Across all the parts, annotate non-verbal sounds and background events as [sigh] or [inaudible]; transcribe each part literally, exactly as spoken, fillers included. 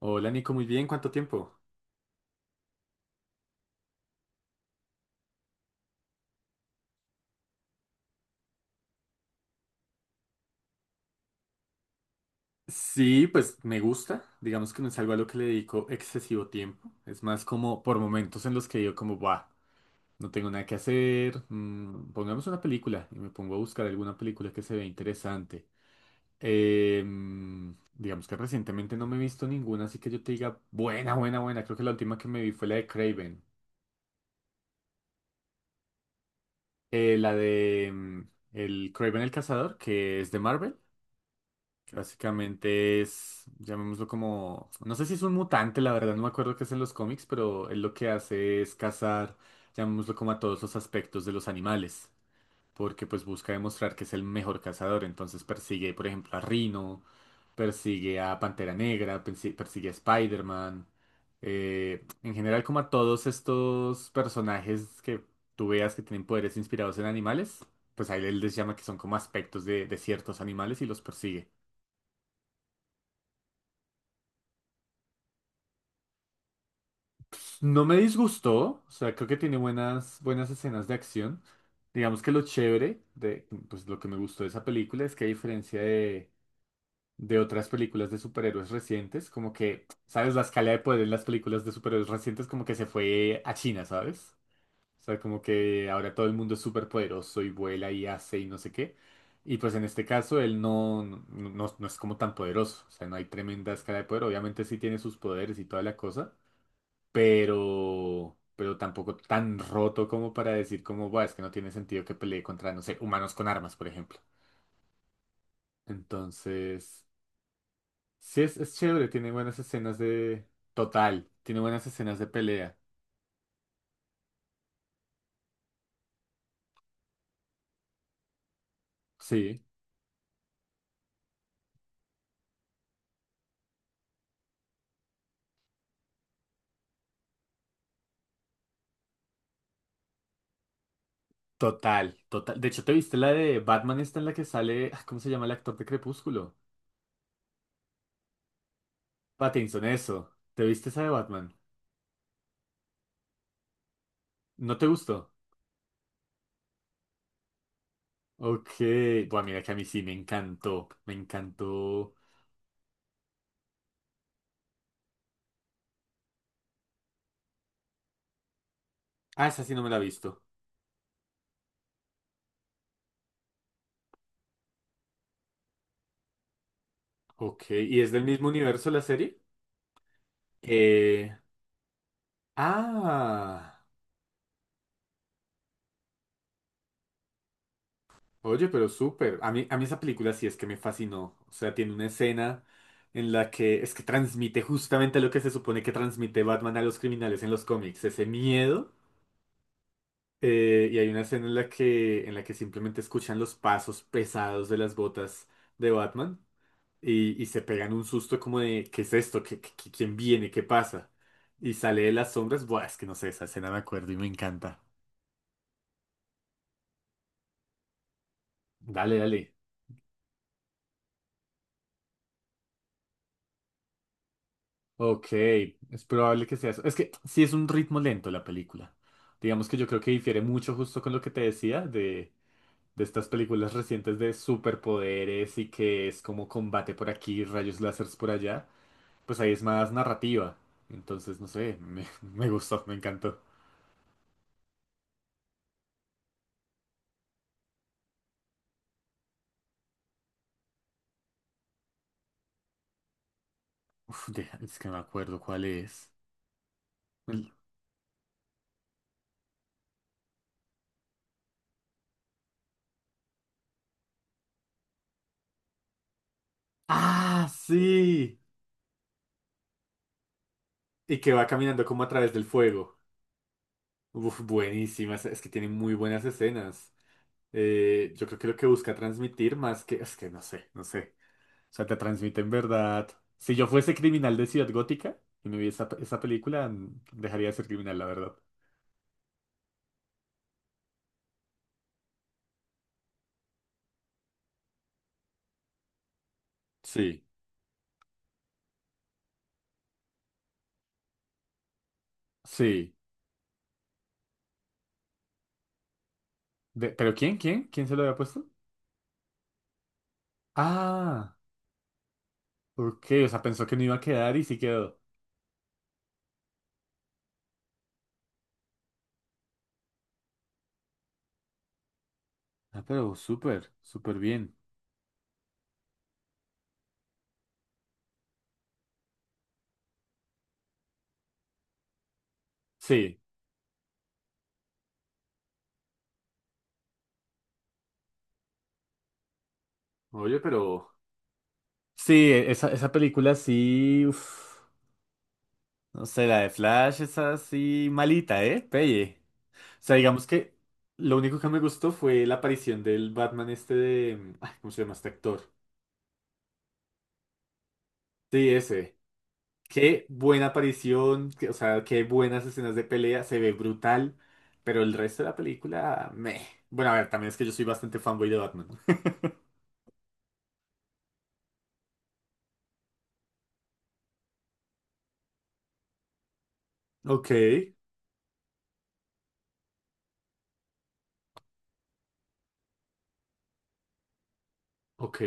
Hola Nico, muy bien, ¿cuánto tiempo? Sí, pues me gusta, digamos que no es algo a lo que le dedico excesivo tiempo, es más como por momentos en los que yo como, buah, no tengo nada que hacer, mm, pongamos una película y me pongo a buscar alguna película que se vea interesante. Em, digamos que recientemente no me he visto ninguna, así que yo te diga, buena, buena, buena, creo que la última que me vi fue la de Craven, eh, la de mm, el Craven el Cazador, que es de Marvel. Que básicamente es, llamémoslo como, no sé si es un mutante, la verdad no me acuerdo qué es en los cómics, pero él lo que hace es cazar, llamémoslo como a todos los aspectos de los animales, porque pues busca demostrar que es el mejor cazador, entonces persigue, por ejemplo, a Rhino, persigue a Pantera Negra, persi- persigue a Spider-Man, eh, en general como a todos estos personajes que tú veas que tienen poderes inspirados en animales, pues a él, él les llama que son como aspectos de de ciertos animales y los persigue. No me disgustó, o sea, creo que tiene buenas, buenas escenas de acción. Digamos que lo chévere de, pues lo que me gustó de esa película es que a diferencia de, de otras películas de superhéroes recientes, como que, ¿sabes? La escala de poder en las películas de superhéroes recientes como que se fue a China, ¿sabes? O sea, como que ahora todo el mundo es súper poderoso y vuela y hace y no sé qué. Y pues en este caso él no, no, no no es como tan poderoso, o sea, no hay tremenda escala de poder, obviamente sí tiene sus poderes y toda la cosa, pero, pero tampoco tan roto como para decir como, "Buah, es que no tiene sentido que pelee contra, no sé, humanos con armas, por ejemplo. Entonces, sí es, es chévere, tiene buenas escenas de... Total, tiene buenas escenas de pelea. Sí, total, total. De hecho, ¿te viste la de Batman esta en la que sale, ah, ¿cómo se llama el actor de Crepúsculo? Pattinson, eso. ¿Te viste esa de Batman? ¿No te gustó? Ok, bueno, mira que a mí sí me encantó, me encantó. Ah, esa sí no me la he visto. Ok, ¿y es del mismo universo la serie? Eh, ah, oye, pero súper. A mí, a mí esa película sí es que me fascinó. O sea, tiene una escena en la que es que transmite justamente lo que se supone que transmite Batman a los criminales en los cómics, ese miedo. Eh, y hay una escena en la que, en la que simplemente escuchan los pasos pesados de las botas de Batman y, y se pegan un susto como de, ¿qué es esto? ¿Qué, qué- quién viene? ¿Qué pasa? Y sale de las sombras. Buah, es que no sé, esa escena me acuerdo y me encanta. Dale, dale. Ok, es probable que sea eso. Es que sí es un ritmo lento la película. Digamos que yo creo que difiere mucho justo con lo que te decía de, de estas películas recientes de superpoderes y que es como combate por aquí, rayos láseres por allá. Pues ahí es más narrativa. Entonces, no sé, me, [laughs] me gustó, me encantó. Uf, deja- es que no me acuerdo cuál es. El- ¡Ah, sí! Y que va caminando como a través del fuego. Uf, buenísimas. Es que tiene muy buenas escenas. Eh, yo creo que lo que busca transmitir más que, es que no sé, no sé. O sea, te transmite en verdad. Si yo fuese criminal de Ciudad Gótica y me vi esa, esa película, mm, dejaría de ser criminal, la verdad. Sí. Sí. De- ¿pero quién? ¿Quién? ¿Quién se lo había puesto? Ah, ok. O sea, pensó que no iba a quedar y sí quedó. Ah, pero súper, súper bien. Sí. Oye, pero... Sí, e, esa, esa película sí... uf. No sé, la de Flash es así malita, ¿eh? Pelle. Sea, digamos que lo único que me gustó fue la aparición del Batman este de... mm, ay, ¿cómo se llama este actor? Sí, ese. Qué buena aparición, que- o sea, qué buenas escenas de pelea, se ve brutal, pero el resto de la película, meh. Bueno, a ver, también es que yo soy bastante fanboy de Batman. [laughs] Ok, ok.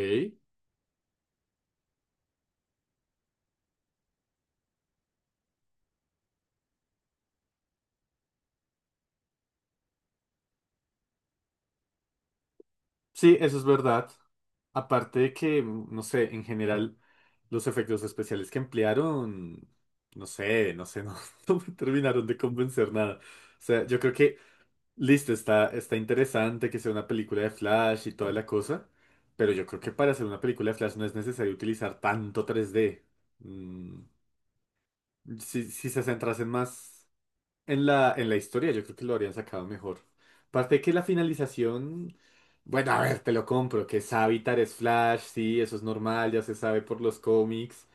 Sí, eso es verdad. Aparte de que, mm, no sé, en general, los efectos especiales que emplearon, no sé, no sé, no, [laughs] no me terminaron de convencer nada. O sea, yo creo que listo, está, está interesante que sea una película de Flash y toda la cosa, pero yo creo que para hacer una película de Flash no es necesario utilizar tanto tres D. Mm, si, si se centrasen más en la, en la historia, yo creo que lo habrían sacado mejor. Aparte de que la finalización, bueno, a ver, te lo compro, que Savitar es Flash, sí, eso es normal, ya se sabe por los cómics,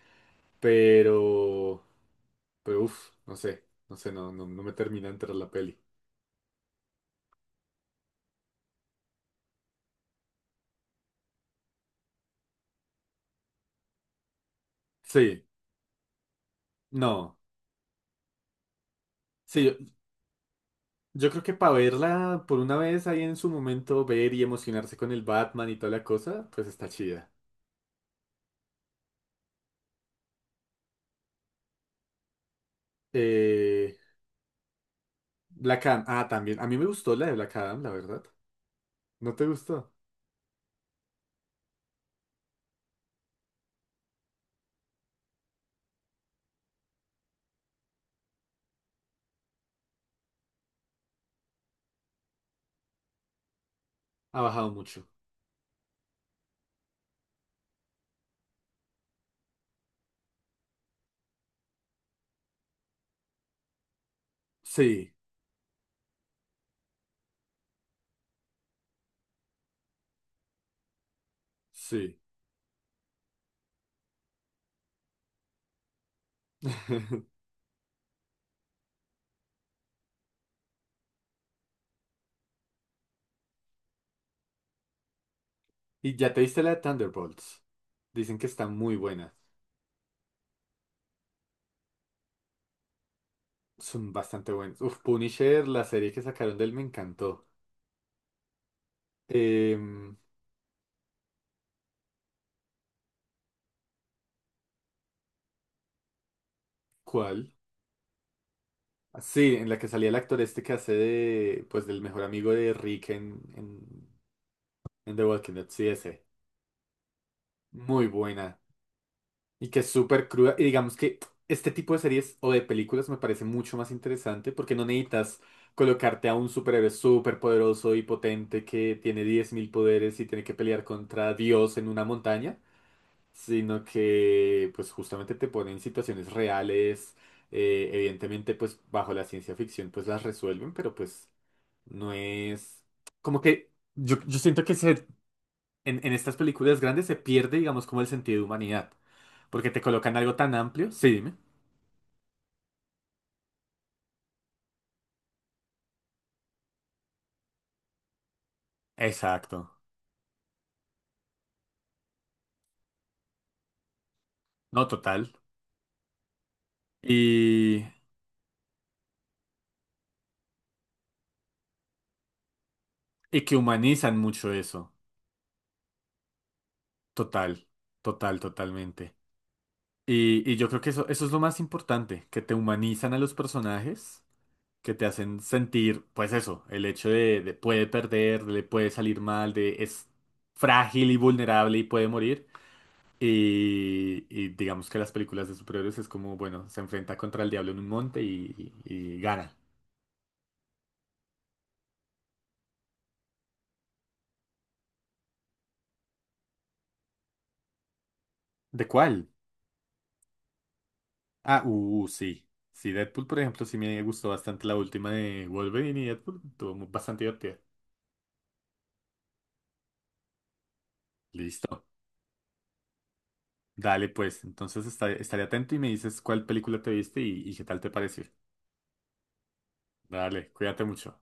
pero... Pero uff, no sé, no sé, no, no, no me termina de entrar la peli. Sí, no. Sí, yo, Yo creo que para verla por una vez ahí en su momento, ver y emocionarse con el Batman y toda la cosa, pues está chida. Eh, Black Adam, ah, también. A mí me gustó la de Black Adam, la verdad. ¿No te gustó? Ha bajado mucho. Sí, sí. [laughs] ¿Y ya te viste la de Thunderbolts? Dicen que está muy buena. Son bastante buenas. Uf, Punisher, la serie que sacaron de él me encantó. Em, ¿cuál? Ah, sí, en la que salía el actor este que hace de, pues, del mejor amigo de Rick en, en en The Walking Dead, sí, ese. Muy buena. Y que es súper cruda. Y digamos que este tipo de series o de películas me parece mucho más interesante porque no necesitas colocarte a un superhéroe súper poderoso y potente que tiene diez mil poderes y tiene que pelear contra Dios en una montaña, sino que pues justamente te pone en situaciones reales. Eh, evidentemente pues bajo la ciencia ficción pues las resuelven, pero pues no es como que yo, yo siento que se en, en estas películas grandes se pierde, digamos, como el sentido de humanidad, porque te colocan algo tan amplio, sí, dime. Exacto, no, total. Y, y que humanizan mucho eso, total, total, totalmente. Y, y yo creo que eso, eso es lo más importante, que te humanizan a los personajes, que te hacen sentir, pues eso, el hecho de, de puede perder, le puede salir mal, de es frágil y vulnerable y puede morir. Y, y digamos que las películas de superhéroes es como, bueno, se enfrenta contra el diablo en un monte y, y y gana. ¿De cuál? Ah, uh, uh, sí. Sí, Deadpool, por ejemplo, sí me gustó bastante la última de Wolverine y Deadpool. Estuvo mu- bastante divertida. Listo. Dale, pues. Entonces esta- estaré atento y me dices cuál película te viste y, y qué tal te pareció. Dale, cuídate mucho.